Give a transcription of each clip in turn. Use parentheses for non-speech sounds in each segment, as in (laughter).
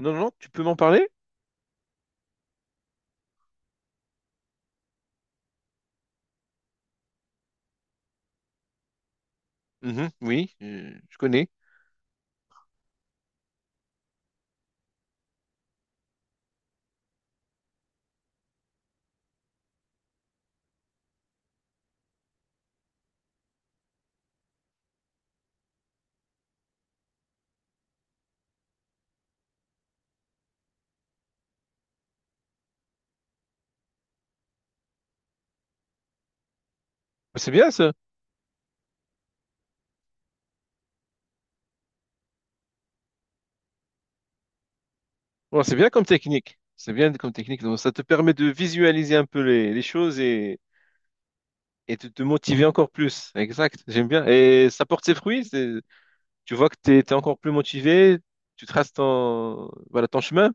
Non, non, non, tu peux m'en parler? Mhm, oui, je connais. C'est bien ça. Bon, c'est bien comme technique. C'est bien comme technique. Donc, ça te permet de visualiser un peu les choses et de te motiver encore plus. Exact, j'aime bien. Et ça porte ses fruits. Tu vois que tu es encore plus motivé. Tu traces ton, voilà, ton chemin.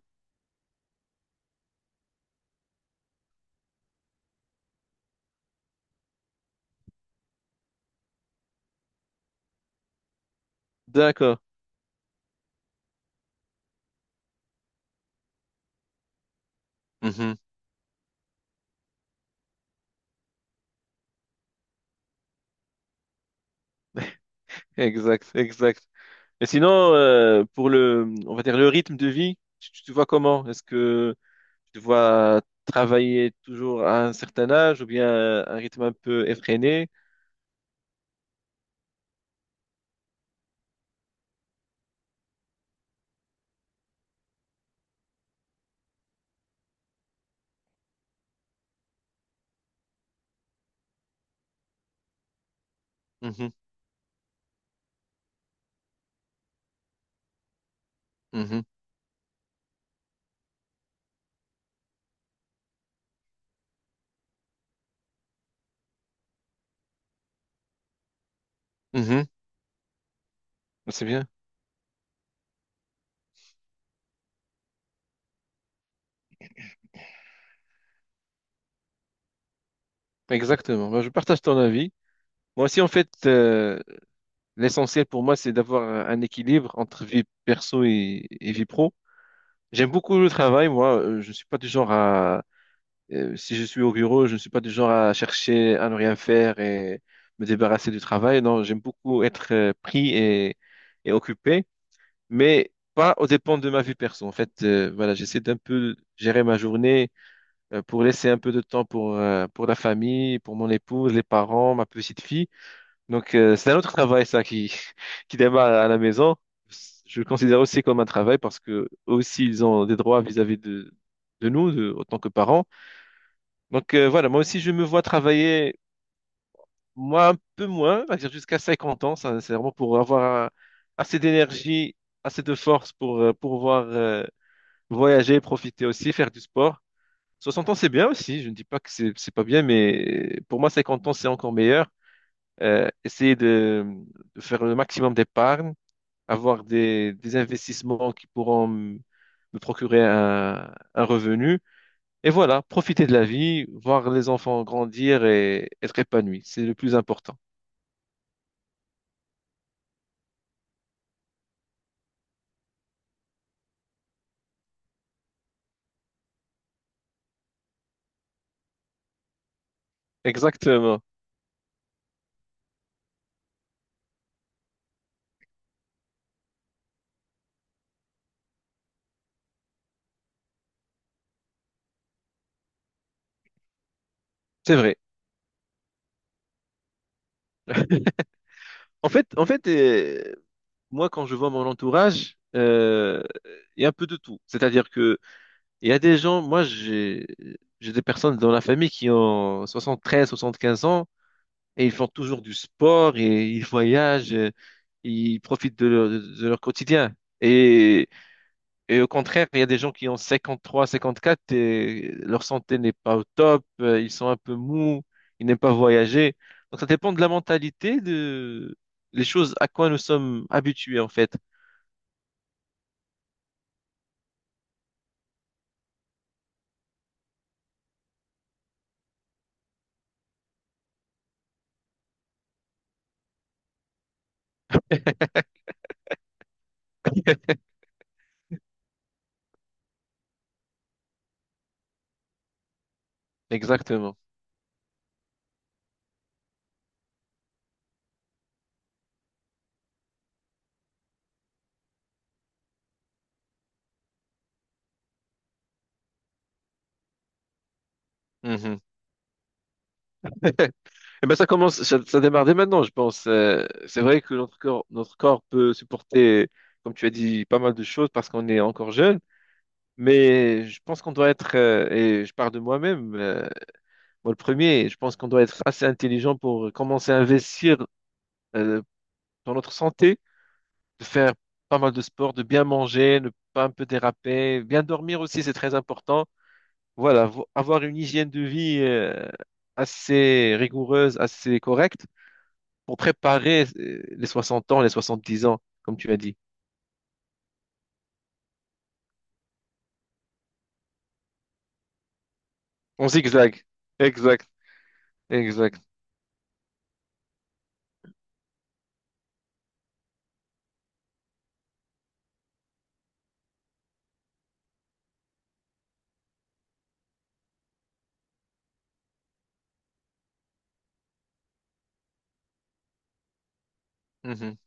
D'accord. Mhm. Exact, exact. Et sinon, pour le, on va dire le rythme de vie, tu te vois comment? Est-ce que Je te vois travailler toujours à un certain âge ou bien un rythme un peu effréné. Mhm, mhm, mhm. C'est bien. Exactement. Moi, je partage ton avis. Moi aussi, en fait, l'essentiel pour moi, c'est d'avoir un équilibre entre vie perso et vie pro. J'aime beaucoup le travail. Moi, je ne suis pas du genre à... si je suis au bureau, je ne suis pas du genre à chercher à ne rien faire et me débarrasser du travail. Non, j'aime beaucoup être pris et occupé. Mais pas aux dépens de ma vie perso. En fait, voilà, j'essaie d'un peu gérer ma journée pour laisser un peu de temps pour la famille, pour mon épouse, les parents, ma petite fille. Donc, c'est un autre (laughs) travail, ça, qui, (laughs) qui démarre à la maison. Je le considère aussi comme un travail parce que eux aussi, ils ont des droits vis-à-vis de nous, de, autant que parents. Donc, voilà, moi aussi, je me vois travailler, moi, un peu moins, on va dire jusqu'à 50 ans. Ça, c'est vraiment pour avoir assez d'énergie, assez de force pour pouvoir voyager, profiter aussi, faire du sport. 60 ans, c'est bien aussi. Je ne dis pas que c'est pas bien, mais pour moi, 50 ans, c'est encore meilleur. Essayer de faire le maximum d'épargne, avoir des investissements qui pourront me procurer un revenu et voilà, profiter de la vie, voir les enfants grandir et être épanoui, c'est le plus important. Exactement, c'est vrai. (laughs) En fait, moi, quand je vois mon entourage, il y a un peu de tout. C'est-à-dire que il y a des gens, moi, j'ai des personnes dans la famille qui ont soixante-treize, soixante-quinze ans, et ils font toujours du sport et ils (laughs) voyagent, ils profitent de leur quotidien. Et, et au contraire, il y a des gens qui ont cinquante-trois, cinquante-quatre et leur santé n'est pas au top, ils sont un peu mous, ils n'aiment pas voyager. Donc ça dépend de la mentalité, de les choses à quoi nous sommes habitués en fait. Exactement. Mhm. (laughs) Eh ben ça commence, ça démarre dès maintenant, je pense. C'est vrai que notre corps peut supporter, comme tu as dit, pas mal de choses parce qu'on est encore jeune. Mais je pense qu'on doit être, et je parle de moi-même, moi le premier, je pense qu'on doit être assez intelligent pour commencer à investir euh, dans notre santé, de faire pas mal de sport, de bien manger, ne pas un peu déraper, bien dormir aussi, c'est très important. Voilà, avoir une hygiène de vie assez rigoureuse, assez correcte pour préparer les 60 ans, les 70 ans, comme tu as dit. On zigzag. Exact. Mhm.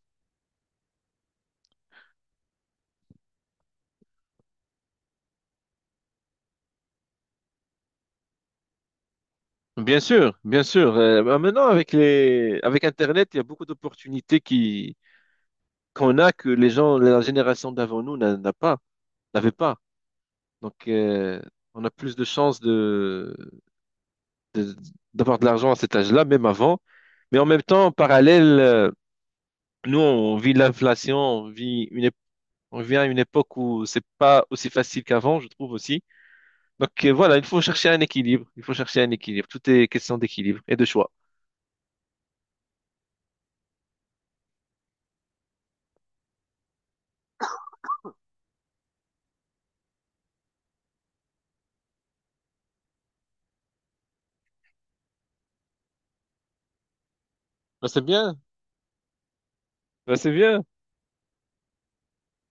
Bien sûr, bien sûr. Bah, maintenant, avec les, avec Internet, il y a beaucoup d'opportunités qui qu'on a que les gens, la génération d'avant nous n'a pas, n'avait pas. Donc, on a plus de chances de, de- d'avoir de l'argent à cet âge-là, même avant. Mais en même temps, en parallèle, nous, on vit l'inflation, on vit une, on vient à une époque où c'est pas aussi facile qu'avant, je trouve aussi. Donc, voilà, il faut chercher un équilibre. Il faut chercher un équilibre. Tout est question d'équilibre et de choix. Ben c'est bien. Ben, c'est bien.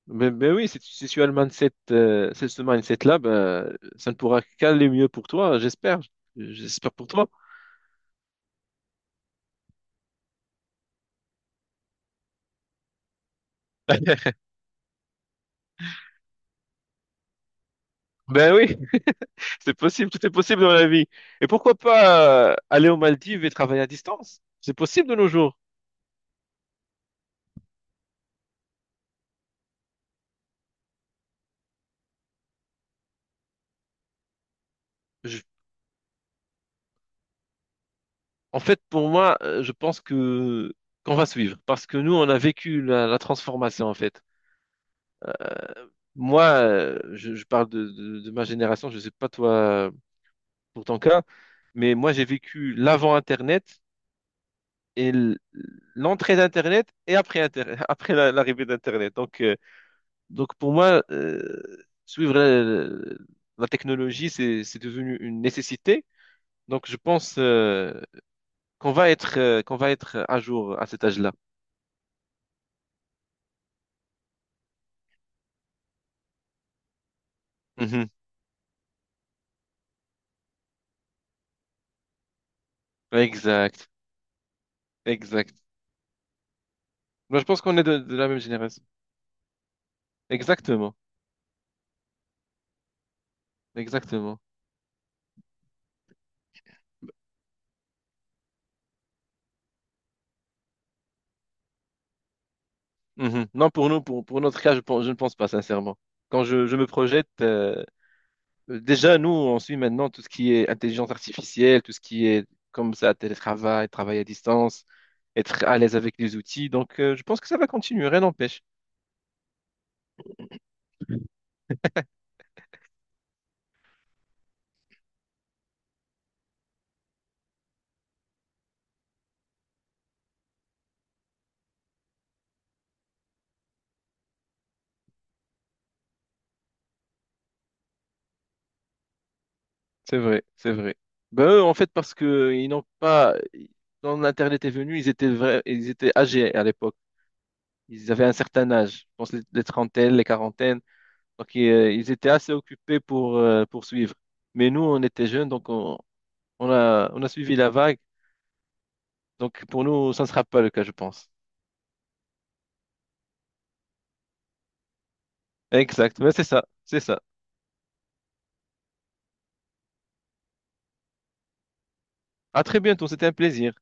Mais oui, si tu as le mindset, c'est ce mindset-là, ben, ça ne pourra qu'aller mieux pour toi, j'espère. J'espère pour toi. Ben oui. C'est possible, tout est possible dans la vie. Et pourquoi pas aller aux Maldives et travailler à distance? C'est possible de nos jours. Je- en fait, pour moi, je pense que qu'on va suivre parce que nous, on a vécu la, la transformation en fait. Moi, je parle de ma génération. Je sais pas toi pour ton cas, mais moi, j'ai vécu l'avant Internet et l'entrée d'Internet et après (laughs) après l'arrivée d'Internet. Donc, donc pour moi, suivre la, la technologie, c'est devenu une nécessité. Donc je pense qu'on va être à jour à cet âge-là. Mhm. Exact, exact. Moi, je pense qu'on est de la même génération. Exactement, exactement. Mhm. Non, pour nous, pour notre cas, je pense, je ne pense pas sincèrement. Quand je me projette, euh, déjà, nous, on suit maintenant tout ce qui est intelligence artificielle, tout ce qui est comme ça, télétravail, travail à distance, être à l'aise avec les outils. Donc, je pense que ça va continuer, rien n'empêche. C'est vrai, c'est vrai. Ben, eux, en fait, parce que ils n'ont pas, quand l'Internet est venu, ils étaient ils étaient âgés à l'époque. Ils avaient un certain âge, je pense les trentaines, les quarantaines. Donc, ils, ils étaient assez occupés pour suivre. Mais nous, on était jeunes, on a suivi la vague. Donc, pour nous, ça ne sera pas le cas, je pense. Exact, mais c'est ça, c'est ça. À très bientôt, c'était un plaisir.